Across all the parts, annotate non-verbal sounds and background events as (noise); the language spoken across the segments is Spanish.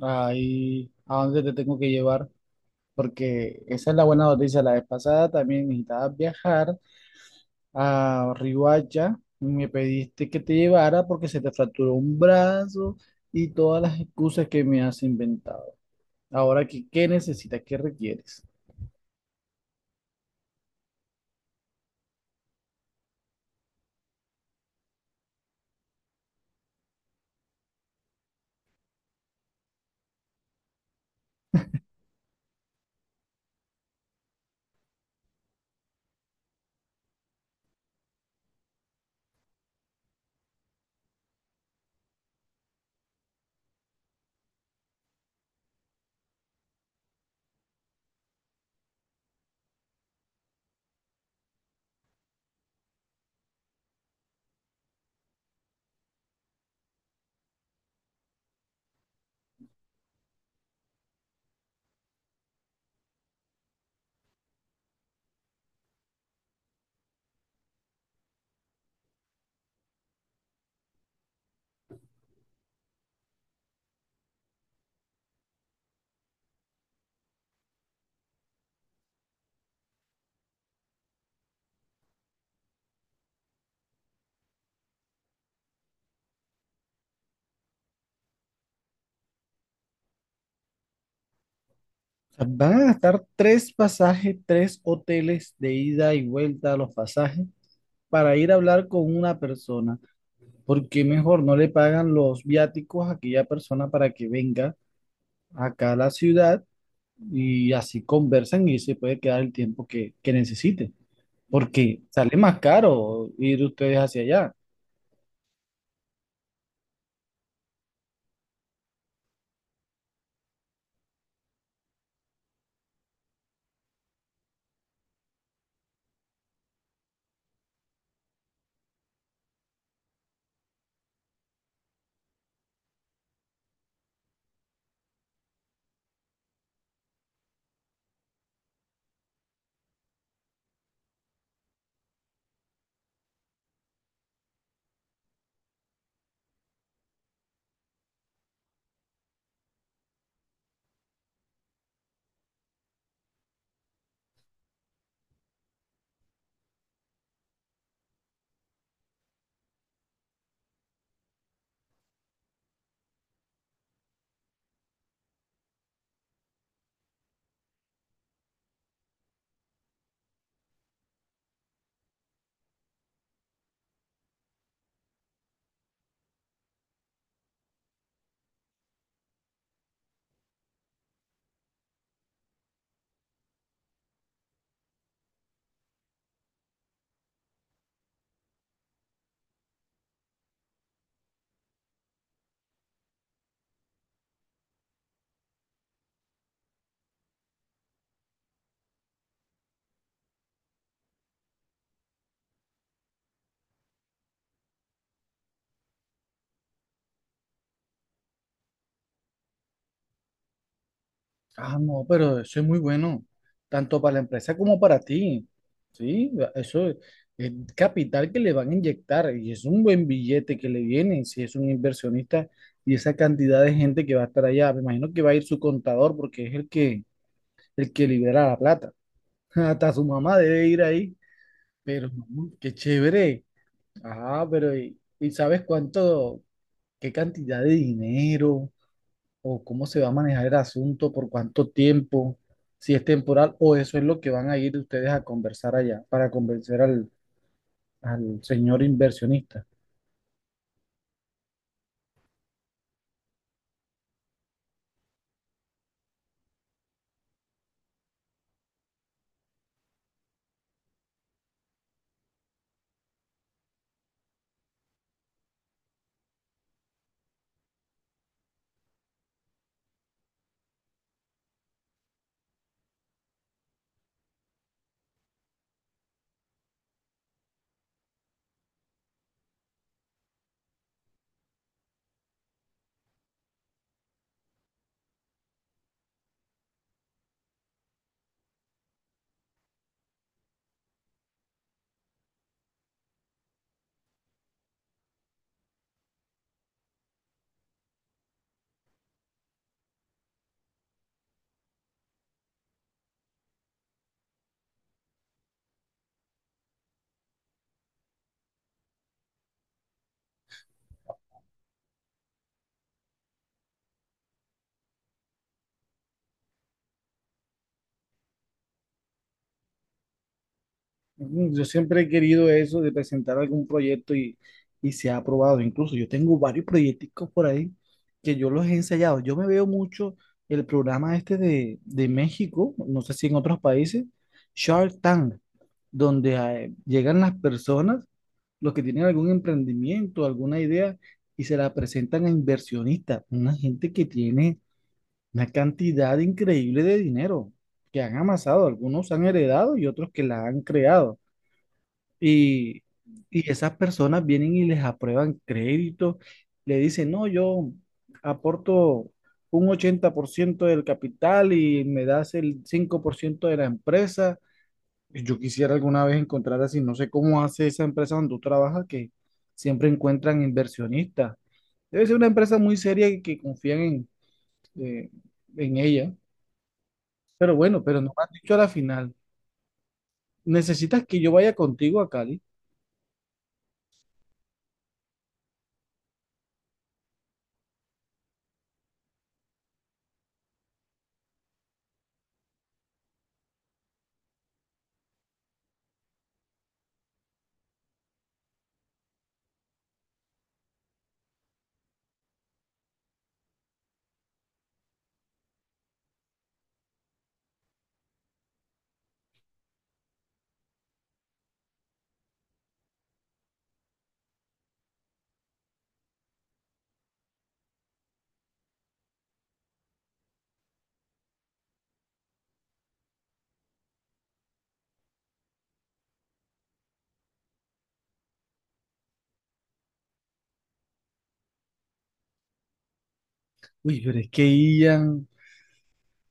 Ahí a dónde te tengo que llevar, porque esa es la buena noticia. La vez pasada también necesitabas viajar a Riohacha y me pediste que te llevara porque se te fracturó un brazo y todas las excusas que me has inventado. Ahora, ¿qué necesitas? ¿Qué requieres? O sea, van a gastar tres pasajes, tres hoteles de ida y vuelta a los pasajes para ir a hablar con una persona. Porque mejor no le pagan los viáticos a aquella persona para que venga acá a la ciudad y así conversan y se puede quedar el tiempo que necesite, porque sale más caro ir ustedes hacia allá? Ah, no, pero eso es muy bueno, tanto para la empresa como para ti, ¿sí? Eso es capital que le van a inyectar y es un buen billete que le viene, si es un inversionista y esa cantidad de gente que va a estar allá. Me imagino que va a ir su contador, porque es el que libera la plata. (laughs) Hasta su mamá debe ir ahí, pero no, qué chévere. Ah, pero ¿y sabes cuánto, qué cantidad de dinero o cómo se va a manejar el asunto, por cuánto tiempo, si es temporal, o eso es lo que van a ir ustedes a conversar allá para convencer al señor inversionista? Yo siempre he querido eso de presentar algún proyecto y se ha aprobado. Incluso yo tengo varios proyecticos por ahí que yo los he ensayado. Yo me veo mucho el programa este de México, no sé si en otros países, Shark Tank. Donde llegan las personas, los que tienen algún emprendimiento, alguna idea, y se la presentan a inversionistas, una gente que tiene una cantidad increíble de dinero que han amasado, algunos han heredado y otros que la han creado. Y, y esas personas vienen y les aprueban crédito, le dicen: no, yo aporto un 80% del capital y me das el 5% de la empresa. Yo quisiera alguna vez encontrar así, no sé cómo hace esa empresa donde tú trabajas, que siempre encuentran inversionistas. Debe ser una empresa muy seria y que confían eh, en ella. Pero bueno, pero no me has dicho a la final. ¿Necesitas que yo vaya contigo a Cali? Uy, pero es que Ian,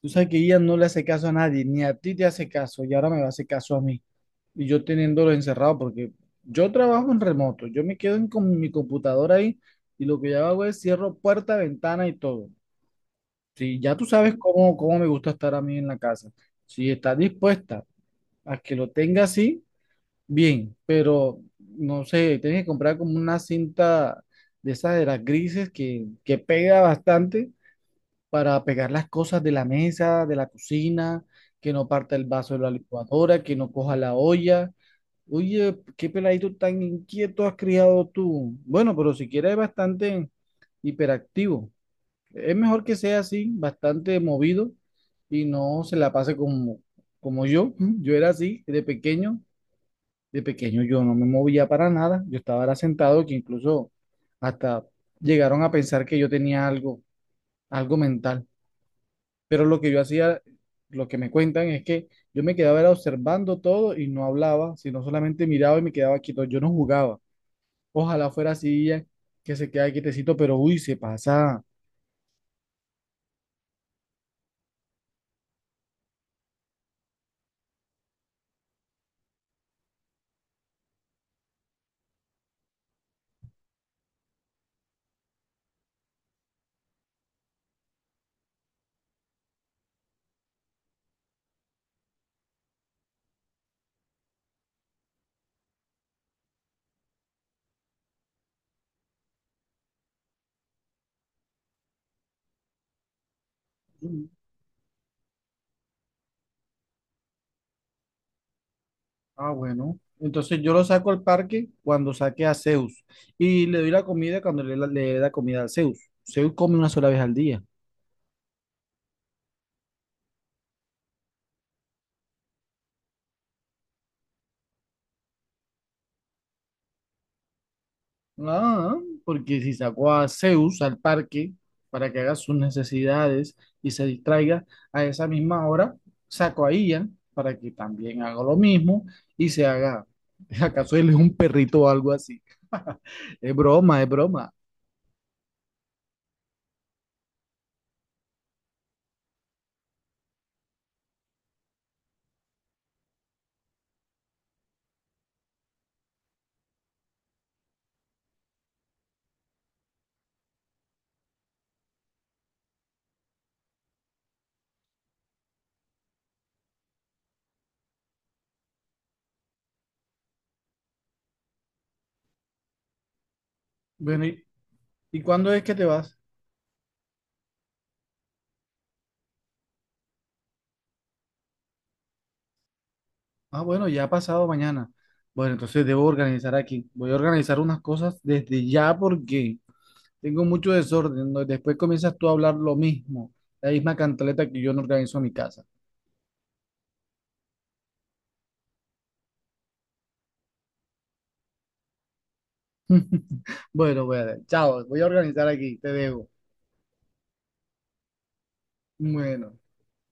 tú sabes que Ian no le hace caso a nadie, ni a ti te hace caso, y ahora me va a hacer caso a mí. Y yo teniéndolo encerrado, porque yo trabajo en remoto, yo me quedo en, con mi computadora ahí, y lo que yo hago es cierro puerta, ventana y todo. Sí, ya tú sabes cómo me gusta estar a mí en la casa. Si estás dispuesta a que lo tenga así, bien, pero no sé, tienes que comprar como una cinta de esas de las grises que pega bastante para pegar las cosas de la mesa, de la cocina, que no parta el vaso de la licuadora, que no coja la olla. Oye, qué peladito tan inquieto has criado tú. Bueno, pero si quieres es bastante hiperactivo. Es mejor que sea así, bastante movido y no se la pase como yo. (laughs) Yo era así de pequeño. De pequeño yo no me movía para nada. Yo estaba era sentado, que incluso hasta llegaron a pensar que yo tenía algo mental. Pero lo que yo hacía, lo que me cuentan, es que yo me quedaba era observando todo y no hablaba, sino solamente miraba y me quedaba quieto. Yo no jugaba. Ojalá fuera así ya, que se quede quietecito, pero uy, se pasa. Ah, bueno. Entonces yo lo saco al parque cuando saque a Zeus y le doy la comida cuando le dé la comida a Zeus. Zeus come una sola vez al día. Ah, porque si saco a Zeus al parque para que haga sus necesidades y se distraiga a esa misma hora, saco a Ian para que también haga lo mismo y se haga, (laughs) ¿acaso él es un perrito o algo así? (laughs) Es broma, es broma. Bueno, ¿ y cuándo es que te vas? Ah, bueno, ya ha pasado mañana. Bueno, entonces debo organizar aquí. Voy a organizar unas cosas desde ya, porque tengo mucho desorden, ¿no? Después comienzas tú a hablar lo mismo, la misma cantaleta que yo no organizo en mi casa. (laughs) Bueno, bueno, chao, voy a organizar aquí, te dejo. Bueno.